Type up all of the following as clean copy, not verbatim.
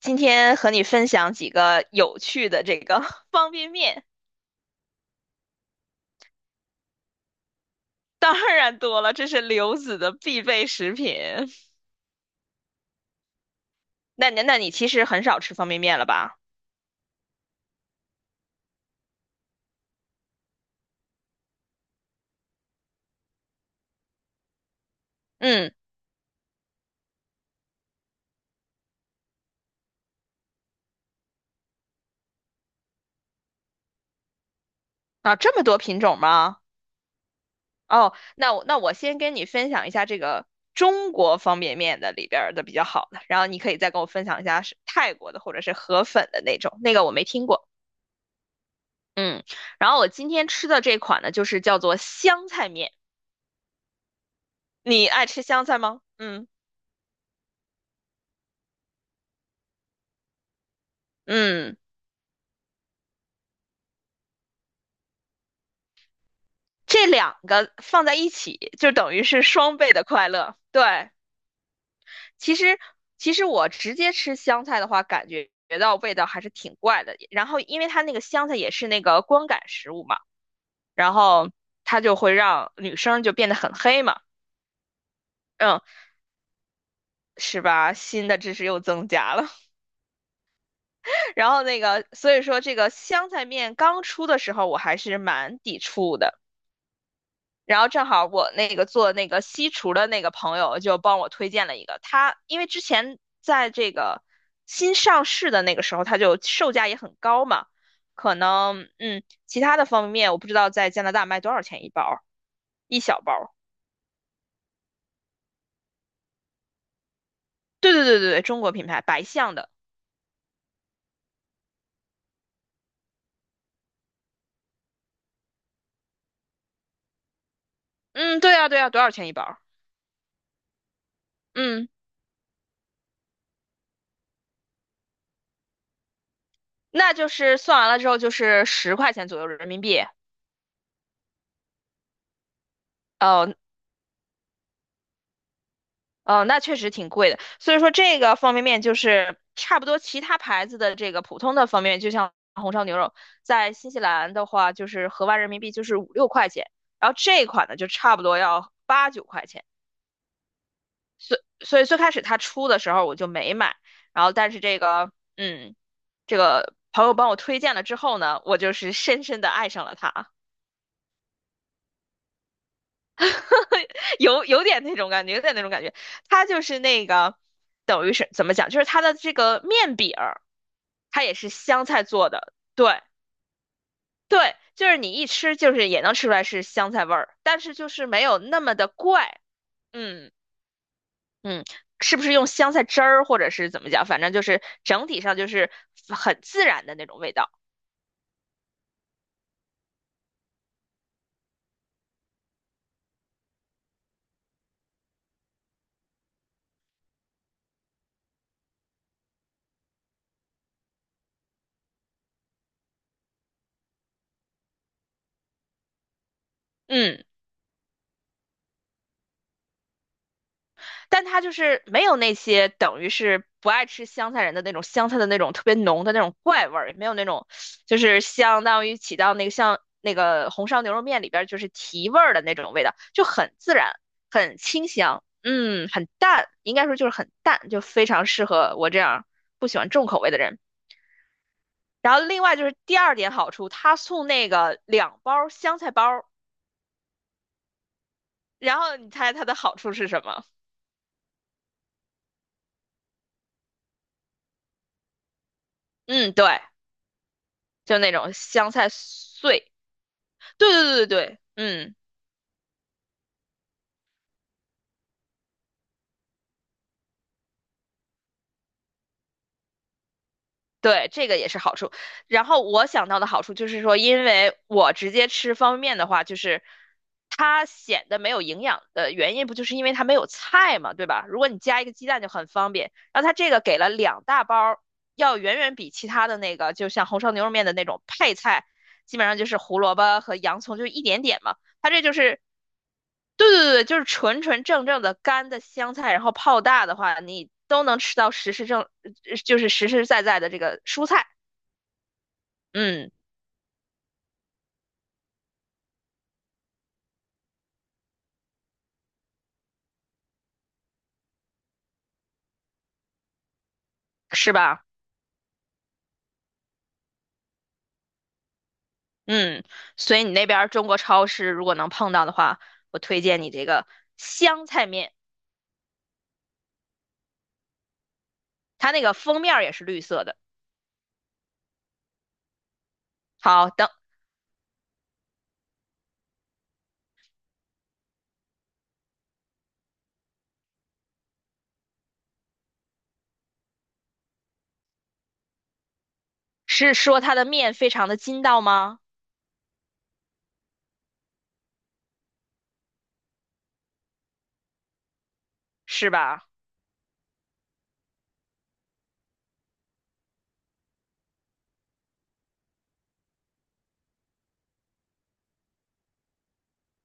今天和你分享几个有趣的这个 方便面。当然多了，这是刘子的必备食品。那你其实很少吃方便面了吧？嗯。啊，这么多品种吗？哦，那我先跟你分享一下这个中国方便面的里边儿的比较好的，然后你可以再跟我分享一下是泰国的或者是河粉的那种，那个我没听过。嗯。然后我今天吃的这款呢，就是叫做香菜面。你爱吃香菜吗？嗯嗯。这两个放在一起，就等于是双倍的快乐。对，其实其实我直接吃香菜的话，感觉到味道还是挺怪的。然后，因为它那个香菜也是那个光感食物嘛，然后它就会让女生就变得很黑嘛。嗯，是吧？新的知识又增加了。然后那个，所以说这个香菜面刚出的时候，我还是蛮抵触的。然后正好我那个做那个西厨的那个朋友就帮我推荐了一个，他因为之前在这个新上市的那个时候，它就售价也很高嘛。可能其他的方便面我不知道在加拿大卖多少钱一包儿，一小包儿。对对对对对，中国品牌白象的。嗯，对呀对呀，多少钱一包儿？嗯，那就是算完了之后就是10块钱左右人民币。哦，那确实挺贵的。所以说这个方便面就是差不多其他牌子的这个普通的方便面，就像红烧牛肉，在新西兰的话就是合完人民币就是五六块钱，然后这一款呢就差不多要八九块钱。所以最开始它出的时候我就没买。然后但是这个这个朋友帮我推荐了之后呢，我就是深深的爱上了它。有点那种感觉，有点那种感觉。它就是那个，等于是怎么讲，就是它的这个面饼儿，它也是香菜做的。对对，就是你一吃就是也能吃出来是香菜味儿，但是就是没有那么的怪。嗯嗯，是不是用香菜汁儿或者是怎么讲？反正就是整体上就是很自然的那种味道。嗯。但它就是没有那些等于是不爱吃香菜人的那种香菜的那种特别浓的那种怪味儿，也没有那种就是相当于起到那个像那个红烧牛肉面里边就是提味儿的那种味道，就很自然，很清香。嗯，很淡，应该说就是很淡，就非常适合我这样不喜欢重口味的人。然后另外就是第二点好处，他送那个2包香菜包。然后你猜它的好处是什么？嗯，对，就那种香菜碎。对对对对对，嗯，对，这个也是好处。然后我想到的好处就是说，因为我直接吃方便面的话，就是它显得没有营养的原因，不就是因为它没有菜嘛，对吧？如果你加一个鸡蛋就很方便。然后它这个给了2大包儿，要远远比其他的那个，就像红烧牛肉面的那种配菜，基本上就是胡萝卜和洋葱，就一点点嘛。它这就是，对对对，就是纯纯正正的干的香菜，然后泡大的话，你都能吃到实实正，就是实实在在的这个蔬菜。嗯，是吧？嗯，所以你那边儿中国超市如果能碰到的话，我推荐你这个香菜面，它那个封面儿也是绿色的。好的，是说它的面非常的筋道吗？是吧？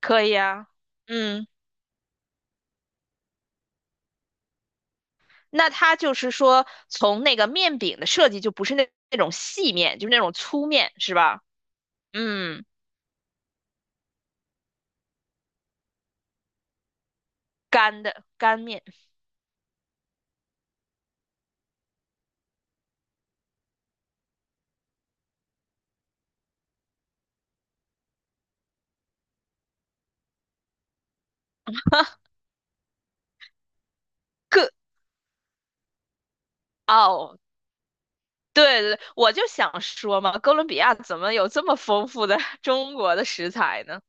可以啊。嗯。那它就是说，从那个面饼的设计就不是那种细面，就是那种粗面，是吧？嗯，干的干面。哥，哦，对对对，我就想说嘛，哥伦比亚怎么有这么丰富的 中国的食材呢？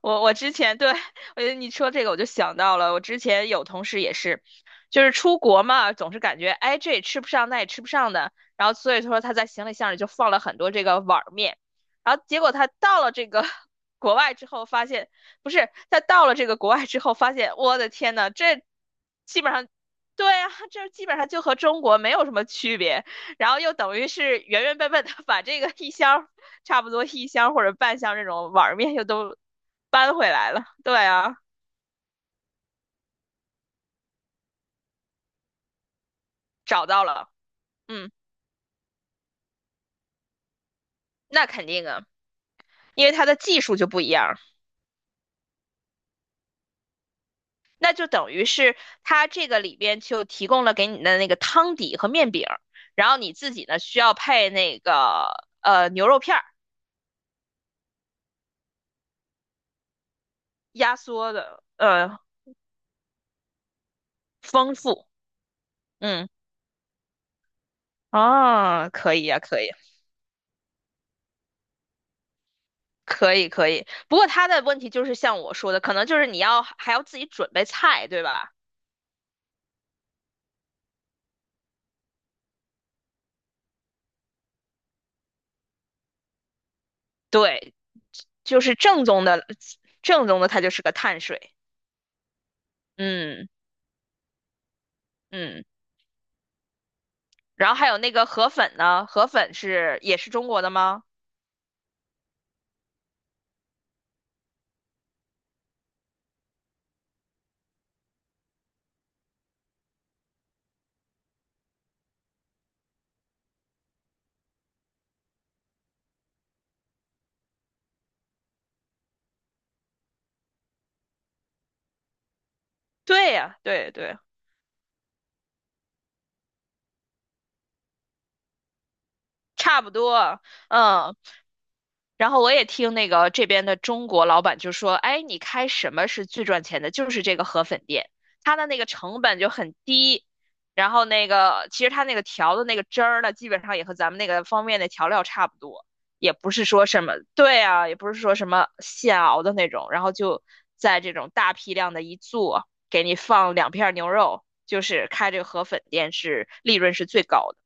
我之前对，我觉得你说这个我就想到了，我之前有同事也是，就是出国嘛，总是感觉哎这也吃不上，那也吃不上的，然后所以说他在行李箱里就放了很多这个碗儿面，然后结果他到了这个 国外之后发现，不是，他到了这个国外之后发现，我的天呐，这基本上。对啊，这基本上就和中国没有什么区别，然后又等于是原原本本的把这个 一箱差不多一箱或者半箱这种碗儿面又都搬回来了。对啊，找到了。嗯，那肯定啊，因为它的技术就不一样，那就等于是它这个里边就提供了给你的那个汤底和面饼，然后你自己呢需要配那个牛肉片儿，压缩的丰富。嗯，啊，可以呀、可以。可以可以，不过他的问题就是像我说的，可能就是你要还要自己准备菜，对吧？对，就是正宗的，正宗的它就是个碳水。嗯嗯。然后还有那个河粉呢，河粉是也是中国的吗？对呀，对对，差不多。嗯。然后我也听那个这边的中国老板就说，哎，你开什么是最赚钱的？就是这个河粉店，它的那个成本就很低，然后那个其实它那个调的那个汁儿呢，基本上也和咱们那个方便面的调料差不多，也不是说什么，对啊，也不是说什么现熬的那种，然后就在这种大批量的一做，给你放2片牛肉，就是开这个河粉店是利润是最高的。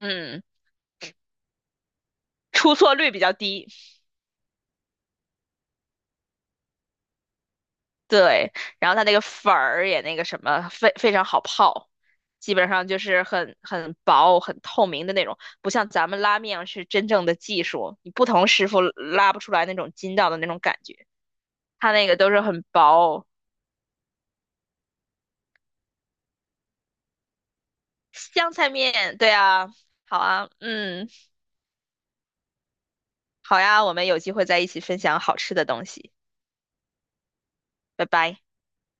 嗯，出错率比较低。对，然后它那个粉儿也那个什么，非常好泡，基本上就是很薄、很透明的那种，不像咱们拉面是真正的技术，你不同师傅拉不出来那种筋道的那种感觉，它那个都是很薄。香菜面，对啊，好啊，嗯，好呀，我们有机会再一起分享好吃的东西。拜拜。